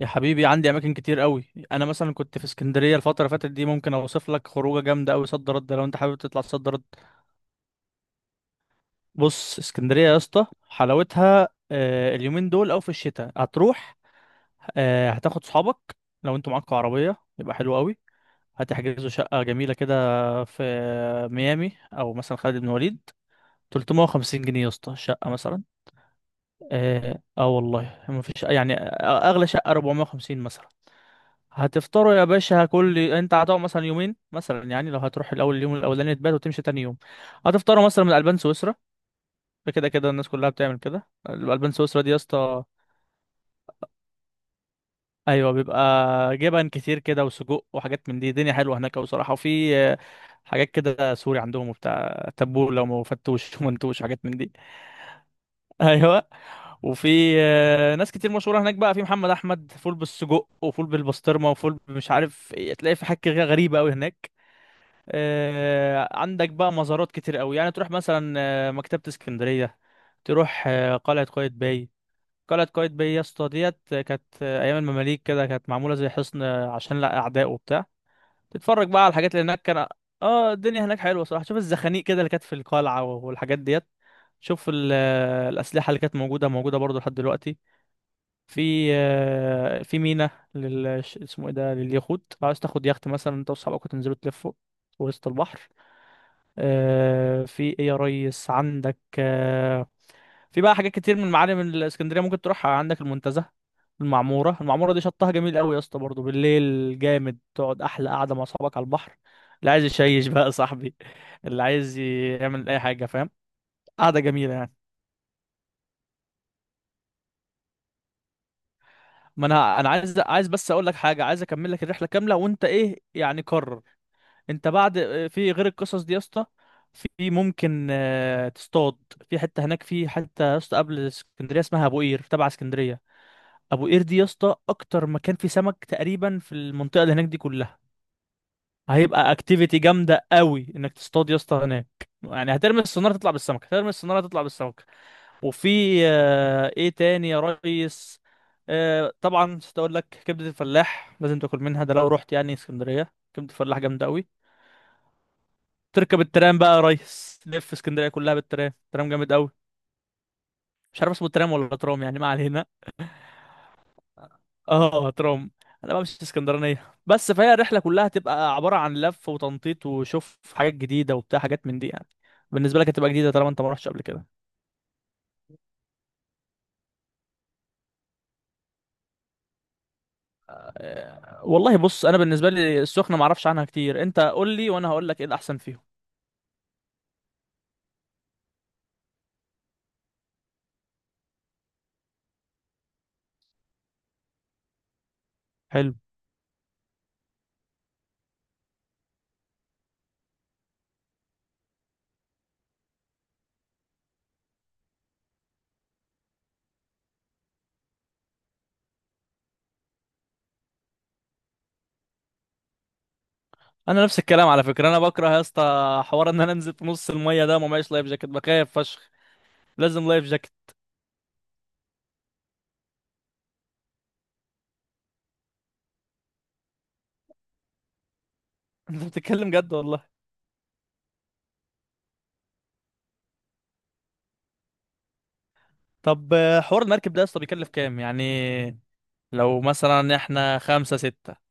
يا حبيبي عندي اماكن كتير قوي. انا مثلا كنت في اسكندريه الفتره اللي فاتت دي، ممكن اوصف لك خروجه جامده قوي. صد رد لو انت حابب تطلع صد رد. بص اسكندريه يا اسطى حلاوتها، اليومين دول او في الشتاء هتروح. هتاخد صحابك. لو انتوا معاكوا عربيه يبقى حلو قوي. هتحجزوا شقه جميله كده في ميامي او مثلا خالد بن وليد. 350 جنيه يا اسطى الشقه مثلا. اه والله ما فيش يعني، اغلى شقه 450 مثلا. هتفطروا يا باشا، كل. انت هتقعد مثلا يومين مثلا، يعني لو هتروح الاول، اليوم الاولاني تبات وتمشي تاني يوم. هتفطروا مثلا من البان سويسرا. ده كده كده الناس كلها بتعمل كده، الالبان سويسرا دي يا اسطى. ايوه، بيبقى جبن كتير كده وسجق وحاجات من دي. الدنيا حلوه هناك بصراحه. وفي حاجات كده سوري عندهم وبتاع. تبول لو فتوش ومنتوش حاجات من دي. ايوه. وفي ناس كتير مشهوره هناك بقى. في محمد احمد فول بالسجق، وفول بالبسطرمه، وفول مش عارف ايه. تلاقي في حاجه غريبه قوي هناك. عندك بقى مزارات كتير قوي، يعني تروح مثلا مكتبة اسكندرية. تروح قلعة قايتباي. قلعة قايتباي يا اسطى ديت كانت أيام المماليك كده كانت معمولة زي حصن عشان لا أعداء وبتاع. تتفرج بقى على الحاجات اللي هناك كان. اه، الدنيا هناك حلوة صراحة. شوف الزخانيق كده اللي كانت في القلعة والحاجات ديت. شوف الأسلحة اللي كانت موجودة، موجودة برضه لحد دلوقتي. في في ميناء اسمه ايه ده، لليخوت. لو عايز تاخد يخت مثلا انت واصحابك وتنزلوا تلفوا في وسط البحر. في ايه يا ريس، عندك في بقى حاجات كتير من المعالم الاسكندريه ممكن تروحها. عندك المنتزه، المعموره. المعموره دي شطها جميل قوي يا اسطى. برضه بالليل جامد، تقعد احلى قعده مع اصحابك على البحر. اللي عايز يشيش بقى يا صاحبي، اللي عايز يعمل اي حاجه، فاهم. قعده جميله يعني. ما انا عايز بس اقول لك حاجه، عايز اكمل لك الرحله كامله وانت ايه يعني، قرر. انت بعد، في غير القصص دي يا اسطى، في ممكن تصطاد. في حته هناك، في حته يا اسطى قبل اسكندريه اسمها ابو قير، تبع اسكندريه. ابو قير دي يا اسطى اكتر مكان فيه سمك تقريبا في المنطقه اللي هناك دي كلها. هيبقى اكتيفيتي جامده قوي انك تصطاد يا اسطى هناك. يعني هترمي الصناره تطلع بالسمك، هترمي الصناره تطلع بالسمك. وفي ايه تاني يا ريس. طبعا مش هقول لك كبده الفلاح، لازم تاكل منها. ده لو رحت يعني اسكندريه، كبده الفلاح جامده قوي. تركب الترام بقى يا ريس، لف اسكندريه كلها بالترام. ترام جامد قوي. مش عارف اسمه ترام ولا ترام، يعني ما علينا. اه، ترام. انا بقى مش اسكندرانيه بس، فهي الرحله كلها تبقى عباره عن لف وتنطيط وشوف حاجات جديده وبتاع، حاجات من دي يعني. بالنسبه لك هتبقى جديده طالما انت ما رحتش قبل كده. والله بص، انا بالنسبه لي السخنه ما اعرفش عنها كتير. انت قول لي وانا هقول لك ايه الاحسن فيهم. حلو. انا نفس الكلام على فكره، انا بكره يا اسطى حوار ان انا انزل في نص الميه ده وما معيش لايف جاكيت، بخاف فشخ. لازم لايف جاكيت. انت بتتكلم جد والله؟ طب حوار المركب ده اصلا بيكلف كام يعني، لو مثلا احنا خمسة ستة؟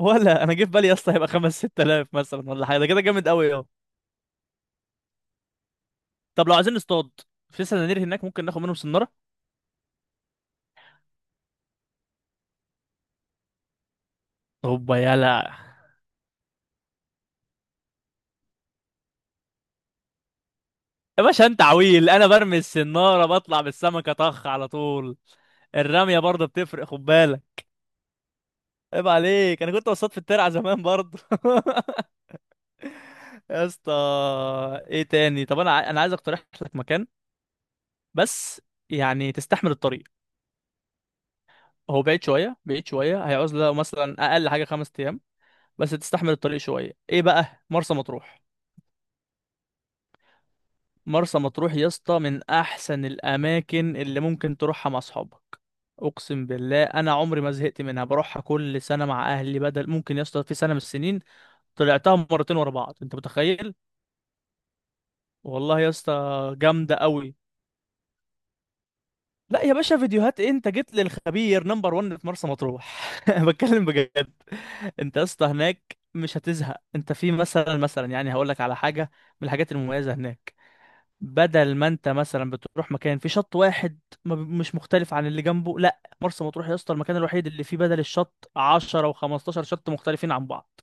ولا انا جه في بالي يا اسطى هيبقى خمس ستة آلاف مثلا ولا حاجة. ده كده جامد قوي اهو. طب لو عايزين نصطاد، في سنانير هناك ممكن ناخد منهم سنارة؟ هوبا يلا. يا باشا انت عويل، انا برمي السنارة بطلع بالسمكة طخ على طول. الرمية برضه بتفرق خد بالك. عيب عليك، انا كنت بصطاد في الترعة زمان برضه. يا اسطى. ايه تاني؟ طب انا انا عايز اقترح لك مكان بس، يعني تستحمل الطريق. هو بعيد شويه، بعيد شويه. هيعوز له مثلا اقل حاجه 5 ايام. بس تستحمل الطريق شويه. ايه بقى؟ مرسى مطروح. مرسى مطروح يا اسطى من احسن الاماكن اللي ممكن تروحها مع اصحابك. اقسم بالله، انا عمري ما زهقت منها. بروحها كل سنه مع اهلي. بدل ممكن يا اسطى في سنه من السنين طلعتها مرتين ورا بعض، انت متخيل؟ والله يا اسطى. جامده قوي. لا يا باشا، فيديوهات إيه؟ انت جيت للخبير نمبر 1 في مرسى مطروح. بتكلم بجد. انت يا اسطى هناك مش هتزهق. انت في مثلا يعني هقول لك على حاجه من الحاجات المميزه هناك. بدل ما انت مثلا بتروح مكان في شط واحد ما ب- مش مختلف عن اللي جنبه، لا، مرسى مطروح يا اسطى المكان الوحيد اللي فيه بدل الشط 10 و15 شط مختلفين عن بعض.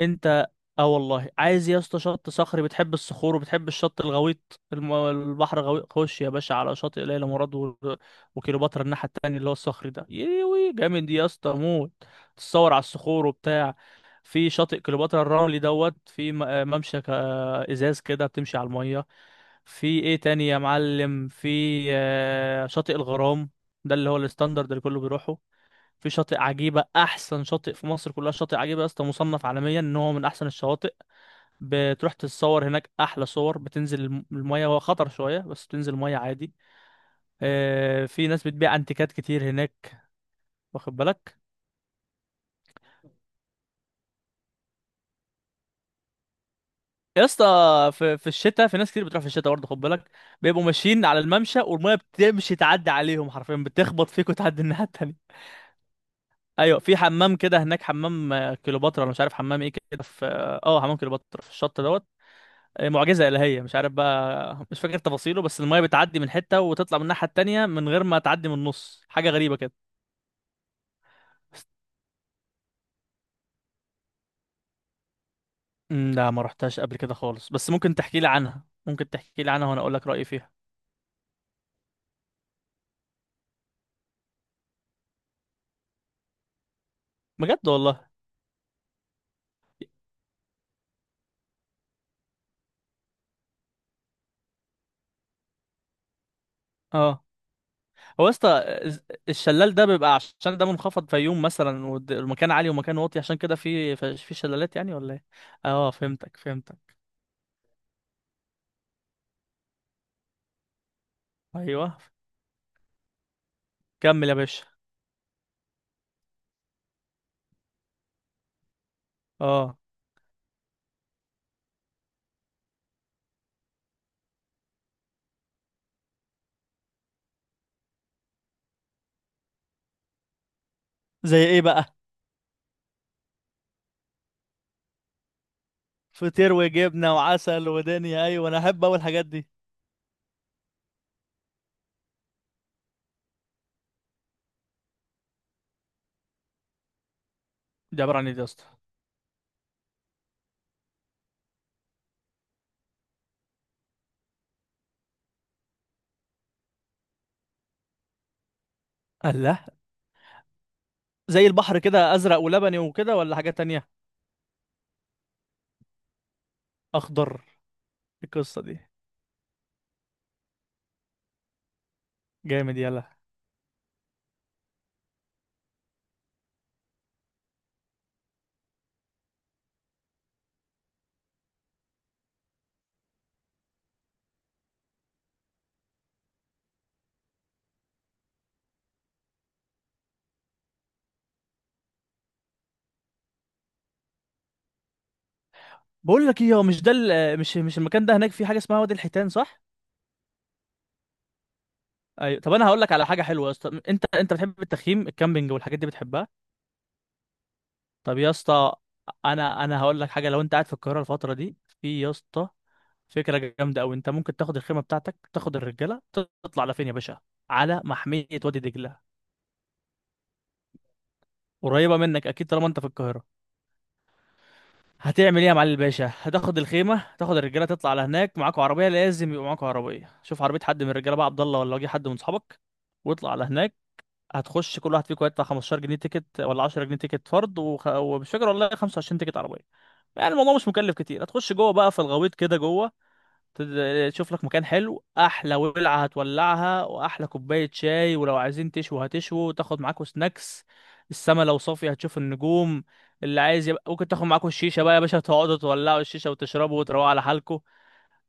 انت اه والله، عايز يا اسطى شط صخري، بتحب الصخور وبتحب الشط الغويط؟ البحر غويط، خش يا باشا على شاطئ ليلى مراد وكليوباترا الناحية التانية اللي هو الصخري ده. يوي جامد يا اسطى موت. تتصور على الصخور وبتاع. في شاطئ كليوباترا الرملي دوت. في ممشى ازاز كده بتمشي على المية. في ايه تاني يا معلم؟ في شاطئ الغرام، ده اللي هو الستاندرد اللي كله بيروحه. في شاطئ عجيبة، أحسن شاطئ في مصر كلها. شاطئ عجيبة يا اسطى مصنف عالميا إن هو من أحسن الشواطئ. بتروح تتصور هناك أحلى صور. بتنزل المية، هو خطر شوية بس بتنزل المية عادي. في ناس بتبيع أنتيكات كتير هناك، واخد بالك؟ يا اسطى، في في الشتاء في ناس كتير بتروح في الشتاء برضه، خد بالك. بيبقوا ماشيين على الممشى والمية بتمشي تعدي عليهم حرفيا، بتخبط فيك وتعدي الناحية التانية. ايوه، في حمام كده هناك، حمام كليوباترا، انا مش عارف حمام ايه كده، في اه حمام كليوباترا في الشط دوت. معجزة إلهية، مش عارف بقى، مش فاكر تفاصيله، بس المايه بتعدي من حتة وتطلع من الناحية التانية من غير ما تعدي من النص، حاجة غريبة كده. لا، ما رحتهاش قبل كده خالص، بس ممكن تحكي لي عنها، ممكن تحكي لي عنها وانا اقول لك رأيي فيها. بجد والله؟ اه. هو يا اسطى الز- الشلال ده بيبقى عشان ده منخفض فيوم مثلا والمكان عالي ومكان واطي، عشان كده في شلالات، يعني ولا ايه؟ اه، فهمتك فهمتك. ايوه، كمل يا باشا. اه، زي ايه بقى؟ فطير وجبنه وعسل ودنيا، ايوه انا احب اول الحاجات دي. دي عبارة عن ايه دي يا اسطى؟ الله. زي البحر كده ازرق ولبني وكده ولا حاجة تانية؟ اخضر إيه؟ القصة دي؟ جامد يلا. بقول لك ايه، هو مش ده مش المكان ده هناك في حاجة اسمها وادي الحيتان، صح؟ ايوه. طب انا هقول لك على حاجة حلوة يا اسطى، انت بتحب التخييم الكامبينج والحاجات دي بتحبها؟ طب يا اسطى، انا هقول لك حاجة. لو انت قاعد في القاهرة الفترة دي، في يا اسطى فكرة جامدة أوي. أنت ممكن تاخد الخيمة بتاعتك، تاخد الرجالة. تطلع على فين يا باشا؟ على محمية وادي دجلة. قريبة منك أكيد طالما أنت في القاهرة. هتعمل ايه يا معلم الباشا؟ هتاخد الخيمه، هتاخد الرجاله، تطلع على هناك. معاكوا عربيه، لازم يبقى معاكوا عربيه. شوف عربيه حد من الرجاله بقى، عبد الله ولا واجي حد من صحابك، واطلع على هناك. هتخش، كل واحد فيكم هيدفع 15 جنيه تيكت ولا 10 جنيه تيكت فرد ومش فاكر والله، 25 تيكت عربيه. يعني الموضوع مش مكلف كتير. هتخش جوه بقى في الغويط كده جوه، تشوف لك مكان حلو، احلى ولعه هتولعها واحلى كوبايه شاي، ولو عايزين تشوا هتشوا، وتاخد معاكوا سناكس. السما لو صافيه هتشوف النجوم. اللي عايز، يبقى ممكن تاخد معاكوا الشيشه بقى يا باشا، تقعدوا تولعوا الشيشه وتشربوا وتروقوا على حالكوا.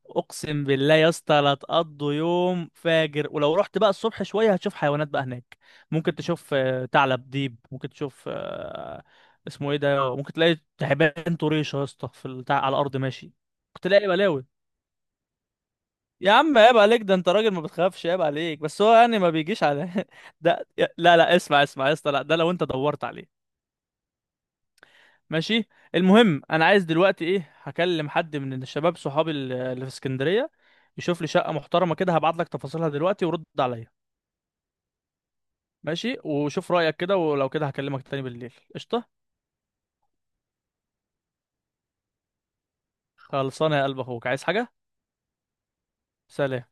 اقسم بالله يا اسطى لا تقضوا يوم فاجر. ولو رحت بقى الصبح شويه هتشوف حيوانات بقى هناك. ممكن تشوف ثعلب، ديب، ممكن تشوف اسمه ايه ده، ممكن تلاقي تعبان طريشه يا اسطى في على الارض ماشي، ممكن تلاقي بلاوي. يا عم عيب عليك، ده انت راجل ما بتخافش، عيب عليك. بس هو يعني ما بيجيش على ده. لا لا، اسمع اسمع يا اسطى، لا، ده لو انت دورت عليه. ماشي. المهم، انا عايز دلوقتي ايه، هكلم حد من الشباب صحابي اللي في اسكندرية، يشوف لي شقة محترمة كده، هبعت لك تفاصيلها دلوقتي ورد عليا. ماشي، وشوف رأيك كده، ولو كده هكلمك تاني بالليل، قشطة. خلصانة يا قلب اخوك، عايز حاجة؟ سلام.